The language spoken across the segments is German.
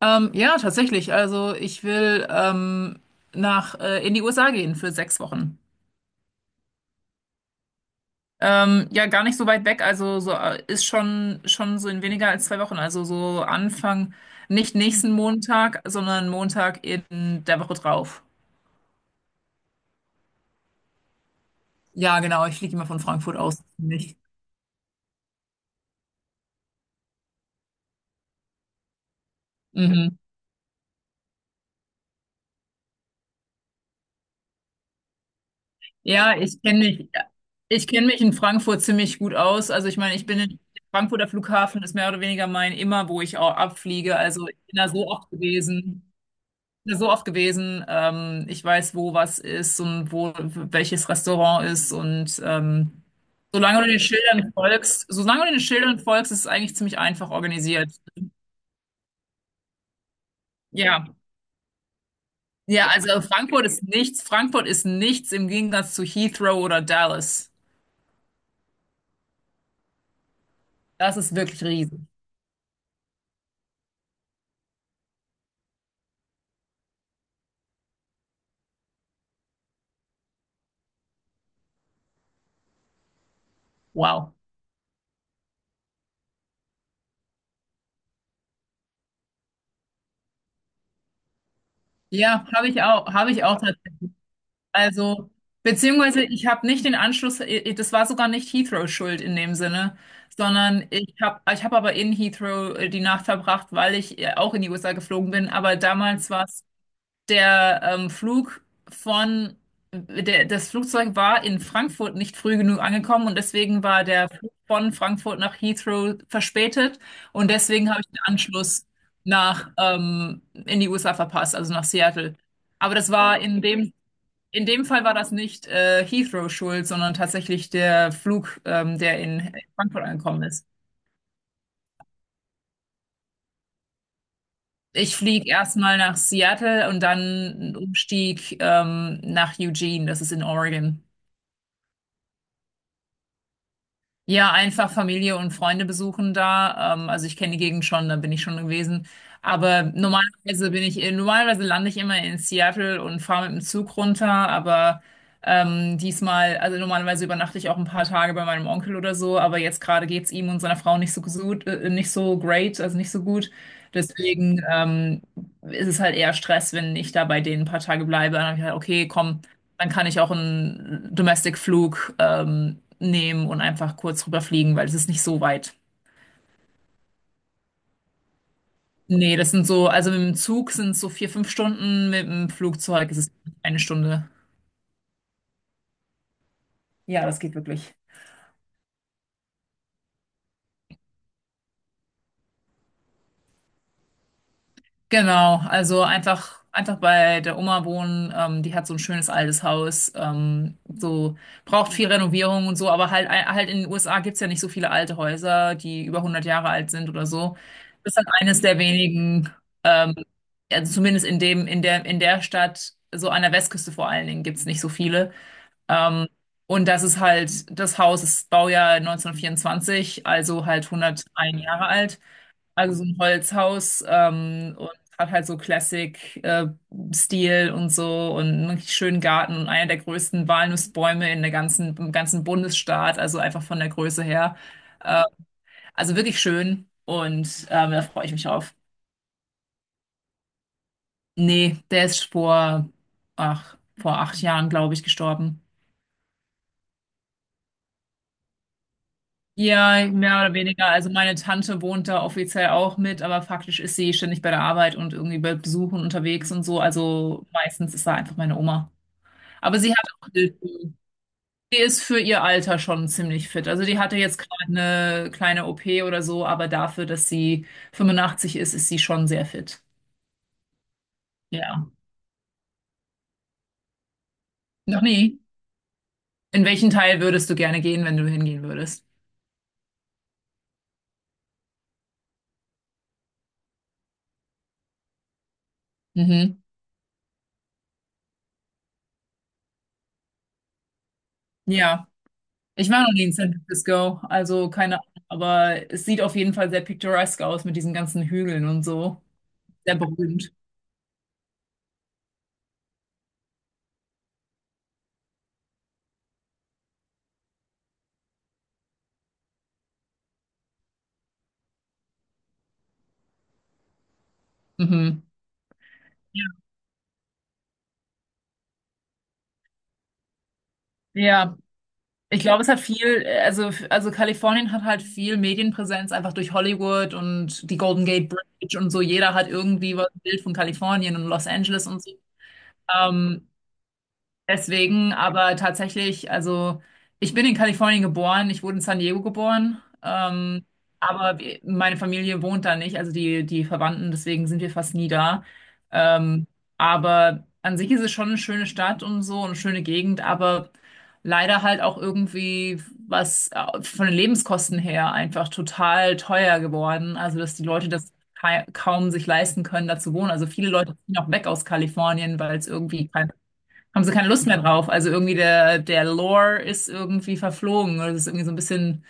Ja, tatsächlich. Also ich will nach in die USA gehen für 6 Wochen. Ja, gar nicht so weit weg. Also so ist schon so in weniger als 2 Wochen. Also so Anfang, nicht nächsten Montag, sondern Montag in der Woche drauf. Ja, genau. Ich fliege immer von Frankfurt aus. Nicht? Mhm. Ja, ich kenne mich. Ich kenne mich in Frankfurt ziemlich gut aus. Also ich meine, ich bin in Frankfurter Flughafen ist mehr oder weniger mein immer, wo ich auch abfliege. Also ich bin da so oft gewesen. Ja, so oft gewesen. Ich weiß, wo was ist und wo welches Restaurant ist. Und solange du den Schildern folgst, solange du den Schildern folgst, ist es eigentlich ziemlich einfach organisiert. Ja. Ja, also Frankfurt ist nichts. Frankfurt ist nichts im Gegensatz zu Heathrow oder Dallas. Das ist wirklich riesig. Wow. Ja, habe ich auch, habe ich auch Also, beziehungsweise ich habe nicht den Anschluss, das war sogar nicht Heathrow schuld in dem Sinne, sondern ich hab aber in Heathrow die Nacht verbracht, weil ich auch in die USA geflogen bin. Aber damals war es der Flug von, der, das Flugzeug war in Frankfurt nicht früh genug angekommen, und deswegen war der Flug von Frankfurt nach Heathrow verspätet, und deswegen habe ich den Anschluss nach in die USA verpasst, also nach Seattle. Aber das war in dem In dem Fall war das nicht Heathrow schuld, sondern tatsächlich der Flug, der in Frankfurt angekommen ist. Ich fliege erstmal nach Seattle und dann einen Umstieg nach Eugene, das ist in Oregon. Ja, einfach Familie und Freunde besuchen da. Also ich kenne die Gegend schon, da bin ich schon gewesen. Aber normalerweise lande ich immer in Seattle und fahre mit dem Zug runter. Aber diesmal, also normalerweise übernachte ich auch ein paar Tage bei meinem Onkel oder so. Aber jetzt gerade geht's ihm und seiner Frau nicht so gut, nicht so great, also nicht so gut. Deswegen ist es halt eher Stress, wenn ich da bei denen ein paar Tage bleibe. Dann habe ich halt, okay, komm. Dann kann ich auch einen Domestic-Flug nehmen und einfach kurz rüberfliegen, weil es ist nicht so weit. Nee, das sind so, also mit dem Zug sind es so 4, 5 Stunden, mit dem Flugzeug ist es 1 Stunde. Ja, das geht wirklich. Genau, also einfach bei der Oma wohnen. Die hat so ein schönes altes Haus. So braucht viel Renovierung und so, aber halt in den USA gibt's ja nicht so viele alte Häuser, die über 100 Jahre alt sind oder so. Das ist halt eines der wenigen, ähm, also zumindest in dem, in der Stadt, so an der Westküste vor allen Dingen, gibt's nicht so viele. Ähm, und das Haus ist Baujahr 1924, also halt 101 Jahre alt. Also so ein Holzhaus und hat halt so Classic-Stil und so, und einen richtig schönen Garten und einer der größten Walnussbäume in der ganzen, im ganzen Bundesstaat, also einfach von der Größe her. Äh, also wirklich schön, und da freue ich mich auf. Nee, der ist vor 8 Jahren, glaube ich, gestorben. Ja, mehr oder weniger. Also meine Tante wohnt da offiziell auch mit, aber faktisch ist sie ständig bei der Arbeit und irgendwie bei Besuchen unterwegs und so. Also meistens ist da einfach meine Oma. Aber sie hat auch Hilfe. Sie ist für ihr Alter schon ziemlich fit. Also die hatte jetzt gerade eine kleine OP oder so, aber dafür, dass sie 85 ist, ist sie schon sehr fit. Ja. Noch nie. In welchen Teil würdest du gerne gehen, wenn du hingehen würdest? Mhm. Ja. Ich war noch nie in San Francisco, also keine Ahnung, aber es sieht auf jeden Fall sehr picturesque aus mit diesen ganzen Hügeln und so. Sehr berühmt. Mhm. Ja, ja. Ich glaube, also Kalifornien hat halt viel Medienpräsenz, einfach durch Hollywood und die Golden Gate Bridge und so. Jeder hat irgendwie was ein Bild von Kalifornien und Los Angeles und so. Ähm, Deswegen, aber tatsächlich, also ich bin in Kalifornien geboren, ich wurde in San Diego geboren, aber meine Familie wohnt da nicht, also die, die Verwandten, deswegen sind wir fast nie da. Ähm, aber an sich ist es schon eine schöne Stadt und so, eine schöne Gegend, aber leider halt auch irgendwie was von den Lebenskosten her einfach total teuer geworden, also dass die Leute das kaum sich leisten können, da zu wohnen. Also viele Leute ziehen auch weg aus Kalifornien, weil es irgendwie haben sie keine Lust mehr drauf. Also irgendwie der Lore ist irgendwie verflogen. Das ist irgendwie so ein bisschen,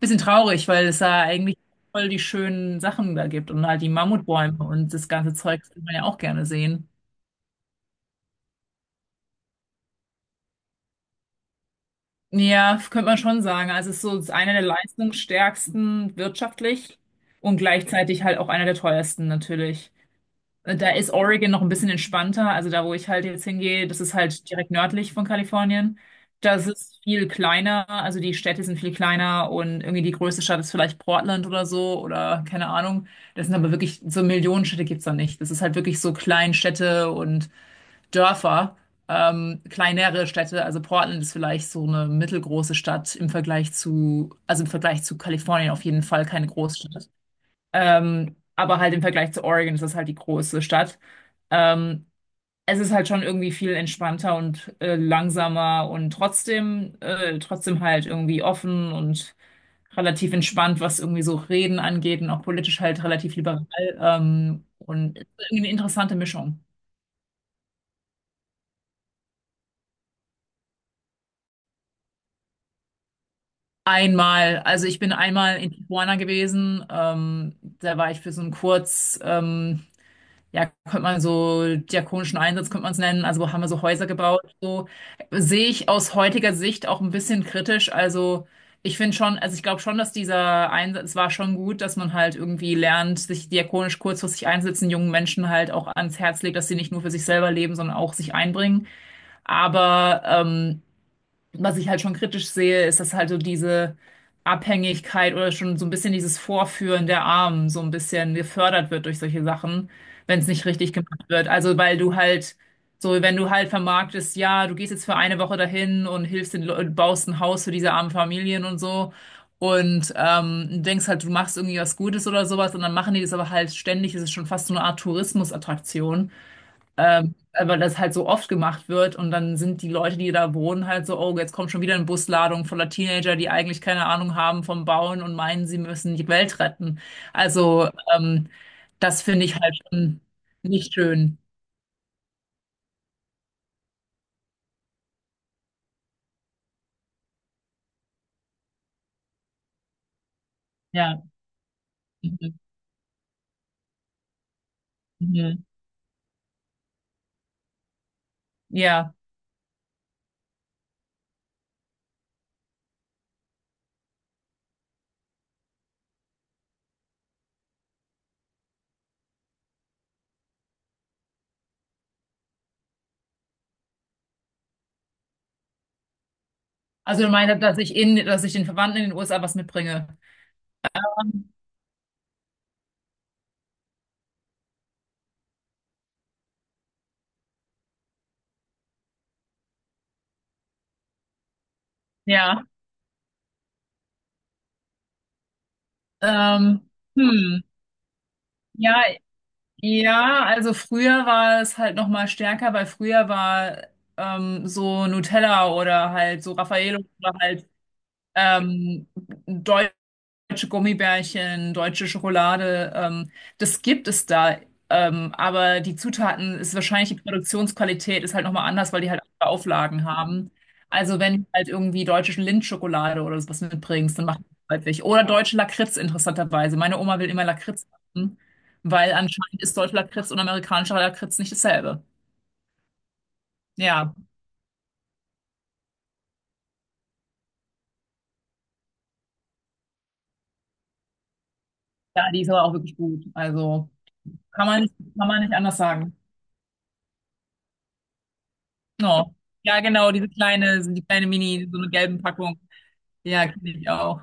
bisschen traurig, weil es da eigentlich voll die schönen Sachen da gibt, und halt die Mammutbäume und das ganze Zeug würde man ja auch gerne sehen. Ja, könnte man schon sagen. Also es ist einer der leistungsstärksten wirtschaftlich und gleichzeitig halt auch einer der teuersten natürlich. Da ist Oregon noch ein bisschen entspannter. Also da, wo ich halt jetzt hingehe, das ist halt direkt nördlich von Kalifornien. Das ist viel kleiner. Also die Städte sind viel kleiner, und irgendwie die größte Stadt ist vielleicht Portland oder so, oder keine Ahnung. Das sind aber wirklich so Millionenstädte gibt's da nicht. Das ist halt wirklich so Kleinstädte und Dörfer, kleinere Städte. Also Portland ist vielleicht so eine mittelgroße Stadt im Vergleich zu Kalifornien, auf jeden Fall keine Großstadt. Aber halt im Vergleich zu Oregon ist das halt die große Stadt. Ähm, Es ist halt schon irgendwie viel entspannter und langsamer, und trotzdem, halt irgendwie offen und relativ entspannt, was irgendwie so Reden angeht, und auch politisch halt relativ liberal. Und es ist irgendwie eine interessante Mischung. Einmal, also ich bin einmal in Tijuana gewesen, da war ich für so einen Kurzurlaub, ja, könnte man so diakonischen Einsatz, könnte man es nennen. Also haben wir so Häuser gebaut. So sehe ich aus heutiger Sicht auch ein bisschen kritisch. Also ich finde schon, also ich glaube schon, dass dieser Einsatz war schon gut, dass man halt irgendwie lernt, sich diakonisch kurzfristig einsetzen, jungen Menschen halt auch ans Herz legt, dass sie nicht nur für sich selber leben, sondern auch sich einbringen. Aber was ich halt schon kritisch sehe, ist, dass halt so diese Abhängigkeit oder schon so ein bisschen dieses Vorführen der Armen so ein bisschen gefördert wird durch solche Sachen, wenn es nicht richtig gemacht wird. Also, weil du halt, so, wenn du halt vermarktest, ja, du gehst jetzt für eine Woche dahin und hilfst baust ein Haus für diese armen Familien und so, und denkst halt, du machst irgendwie was Gutes oder sowas, und dann machen die das aber halt ständig, das ist schon fast so eine Art Tourismusattraktion. Weil das halt so oft gemacht wird, und dann sind die Leute, die da wohnen, halt so, oh, jetzt kommt schon wieder eine Busladung voller Teenager, die eigentlich keine Ahnung haben vom Bauen und meinen, sie müssen die Welt retten. Also, ähm, das finde ich halt schon nicht schön. Ja. Mhm. Mhm. Ja. Also, ich meine, dass ich den Verwandten in den USA was mitbringe. Ja. Ähm, hm. Ja, ja, also früher war es halt noch mal stärker, weil früher war so Nutella oder halt so Raffaello oder halt ähm, deutsche Gummibärchen, deutsche Schokolade, das gibt es da. Aber die Zutaten ist wahrscheinlich die Produktionsqualität ist halt nochmal anders, weil die halt andere Auflagen haben. Also wenn du halt irgendwie deutsche Lindschokolade oder sowas mitbringst, dann macht das halt nicht. Oder deutsche Lakritz interessanterweise. Meine Oma will immer Lakritz haben, weil anscheinend ist deutscher Lakritz und amerikanischer Lakritz nicht dasselbe. Ja, ja, die ist aber auch wirklich gut. Also kann man nicht, kann man nicht anders sagen. Oh. Ja, genau, diese kleine, die kleine Mini, so eine gelben Packung. Ja, kenne ich auch.